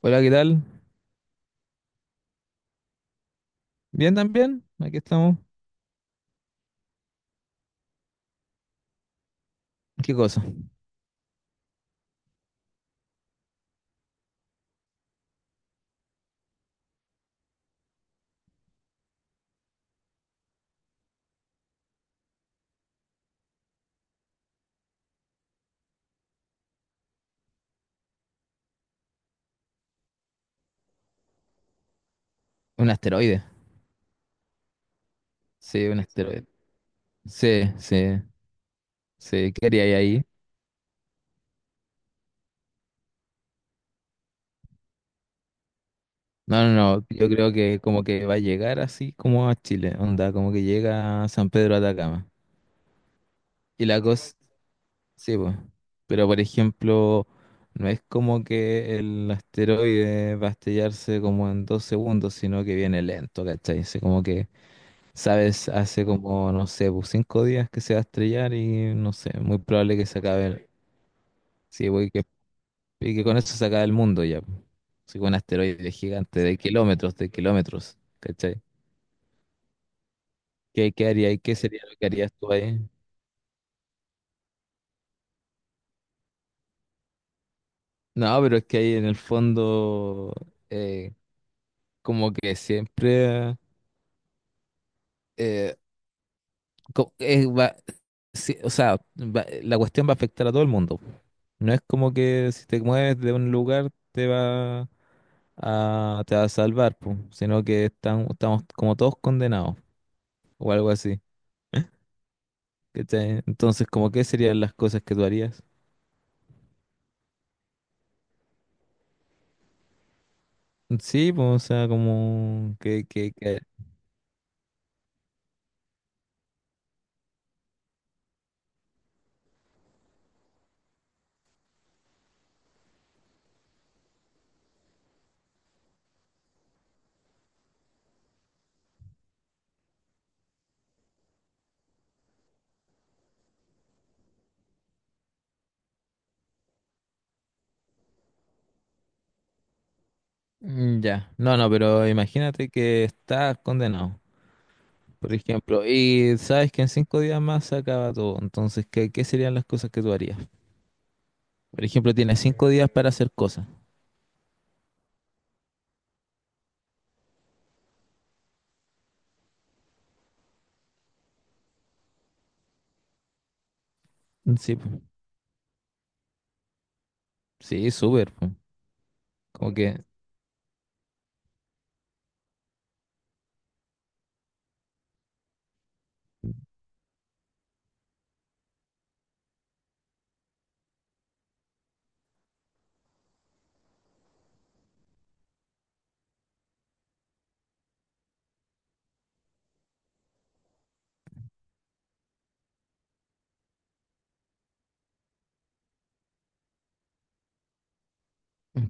Hola, ¿qué tal? Bien también, aquí estamos. ¿Qué cosa? Un asteroide. Sí, un asteroide. Sí, sí, sí. ¿Qué haría ahí? No, no, no. Yo creo que como que va a llegar así como a Chile. Onda, como que llega a San Pedro de Atacama. Y la cosa, sí, pues. Pero por ejemplo, no es como que el asteroide va a estrellarse como en 2 segundos, sino que viene lento, ¿cachai? Sí, como que. Sabes, hace como, no sé, pues, 5 días que se va a estrellar y no sé, muy probable que se acabe. Sí, pues, y que con eso se acabe el mundo ya, pues. Así un asteroide gigante de kilómetros, ¿cachai? ¿Qué haría y qué sería lo que harías tú ahí? No, pero es que ahí en el fondo, eh, como que siempre eh, co- eh, va- sí, o sea, la cuestión va a afectar a todo el mundo. No es como que si te mueves de un lugar te va a salvar, po, sino que estamos como todos condenados o algo así. ¿Cachai? ¿Entonces, como qué serían las cosas que tú harías? Sí, pues, o sea, como que- Mm, ya, no, no, pero imagínate que estás condenado, por ejemplo, y sabes que en 5 días más se acaba todo, entonces, ¿Qué serían las cosas que tú harías? Por ejemplo, tiene 5 días para hacer cosas. Sí, po. Sí, súper, po. Como que,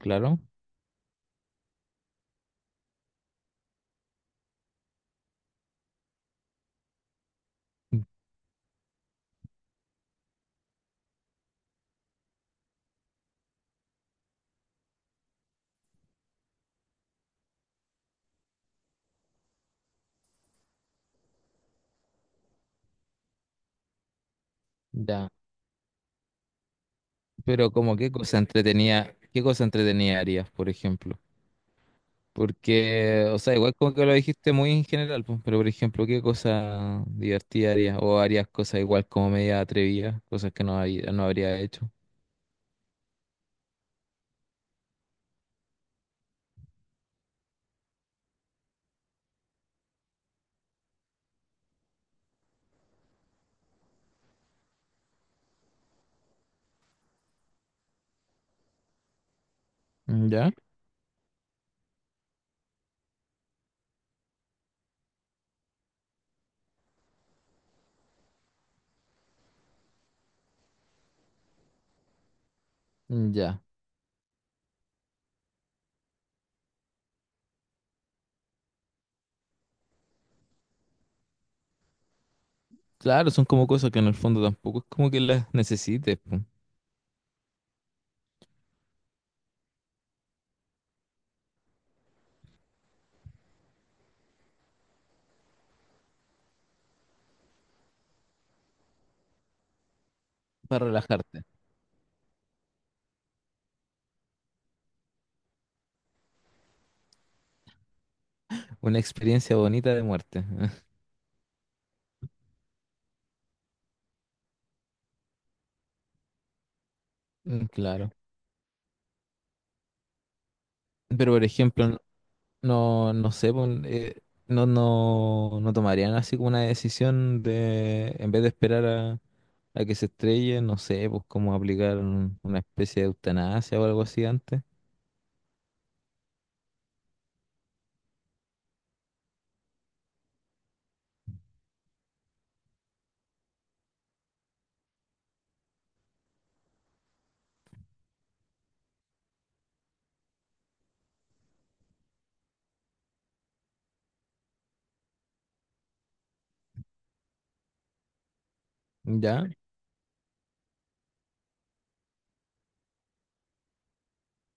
claro, ya. Pero como qué cosa entretenida harías, por ejemplo. Porque, o sea, igual como que lo dijiste muy en general, po, pero por ejemplo, ¿qué cosa divertida harías? O harías cosas igual como media atrevidas, cosas que no, no habría hecho. ¿Ya? Ya. Claro, son como cosas que en el fondo tampoco es como que las necesites, po, para relajarte. Una experiencia bonita de muerte. Mm, claro. Pero por ejemplo, no, no, no sé, no, no, no tomarían así como una decisión de, en vez de esperar a que se estrelle, no sé, pues como aplicar una especie de eutanasia o algo así antes. ¿Ya?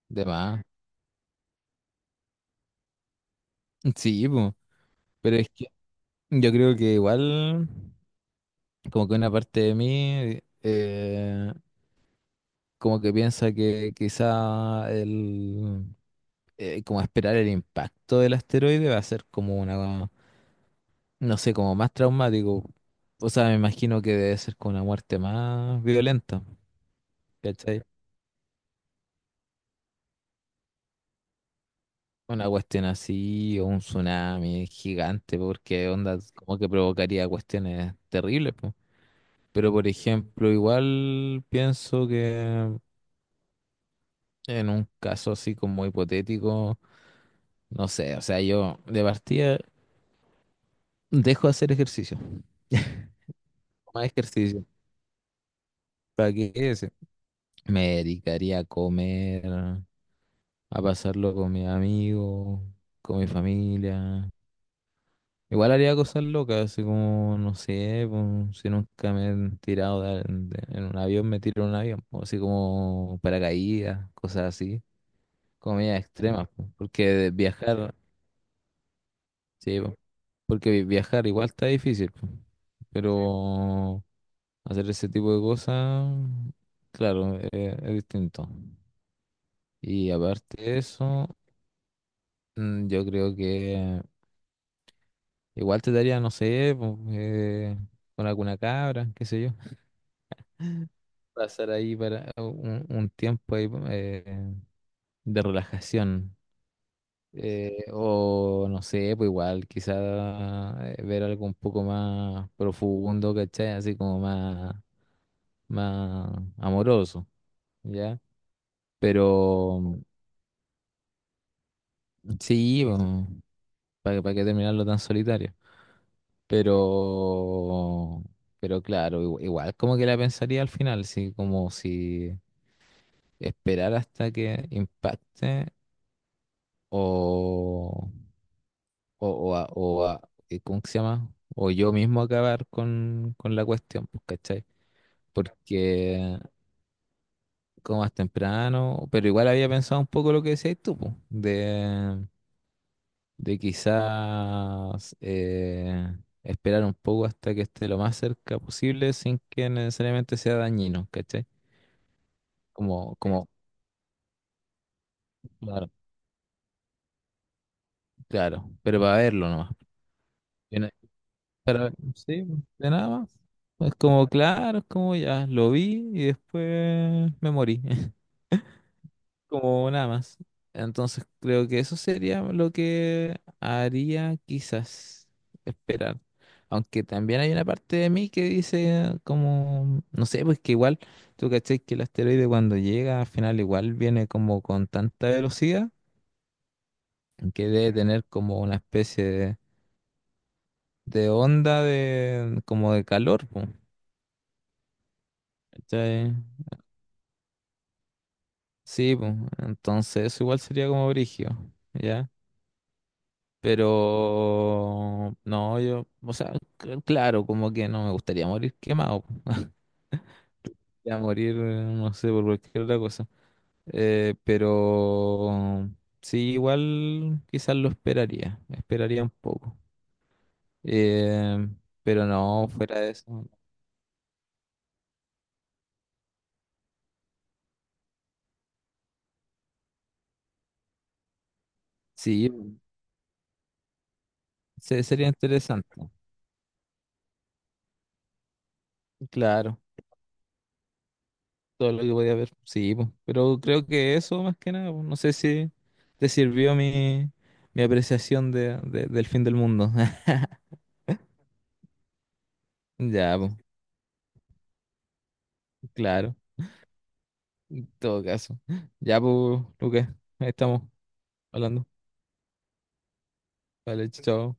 De más. Sí, pues. Pero es que yo creo que igual, como que una parte de mí, como que piensa que quizá como esperar el impacto del asteroide va a ser como una, no sé, como más traumático. O sea, me imagino que debe ser con una muerte más violenta, ¿cachai? Una cuestión así, o un tsunami gigante, porque onda como que provocaría cuestiones terribles, po. Pero por ejemplo, igual pienso que en un caso así como hipotético, no sé, o sea, yo de partida dejo de hacer ejercicio. Más ejercicio. ¿Para qué ese? Me dedicaría a comer, a pasarlo con mis amigos, con mi familia. Igual haría cosas locas, así como, no sé, pues, si nunca me he tirado en un avión, me tiro en un avión, pues, así como paracaídas, cosas así, comidas extremas, pues, porque viajar, sí, pues, porque viajar igual está difícil, pues, sí. Pero hacer ese tipo de cosas, claro, es distinto. Y aparte de eso, yo creo que... Igual te daría, no sé, po, con alguna cabra, qué sé yo. Pasar ahí para un tiempo ahí, de relajación. O no sé, pues igual, quizá ver algo un poco más profundo, ¿cachai? Así como más, más amoroso, ¿ya? Pero sí, pues, para qué terminarlo tan solitario. Pero, pero claro, igual como que la pensaría al final, sí, como si esperar hasta que impacte o, o, o, a- o a- ¿cómo que se llama? O yo mismo acabar con la cuestión, pues, ¿cachai? Porque como más temprano, pero igual había pensado un poco lo que decías tú, pues, de quizás esperar un poco hasta que esté lo más cerca posible sin que necesariamente sea dañino, ¿cachai? Como, claro, claro, pero para verlo nomás. Y no- Para, sí, de nada más. Es como, claro, es como ya, lo vi y después me morí, como nada más. Entonces creo que eso sería lo que haría quizás esperar. Aunque también hay una parte de mí que dice como, no sé, pues que igual, tú caché que el asteroide cuando llega al final igual viene como con tanta velocidad que debe tener como una especie de onda de como de calor, pues. ¿Cachai? Sí, pues. Entonces eso igual sería como brigio, ¿ya? Pero no, yo, o sea, claro, como que no me gustaría morir quemado, po. Me gustaría morir, no sé, por cualquier otra cosa. Pero sí, igual quizás lo esperaría un poco. Eh, pero no, fuera de eso, sí, sería interesante. Claro, todo lo que podía ver, sí, po. Pero creo que eso más que nada, po, no sé si te sirvió mi apreciación del fin del mundo. Ya, pues, claro, en todo caso. Ya, pues, Lucas, ahí estamos hablando. Vale, chao.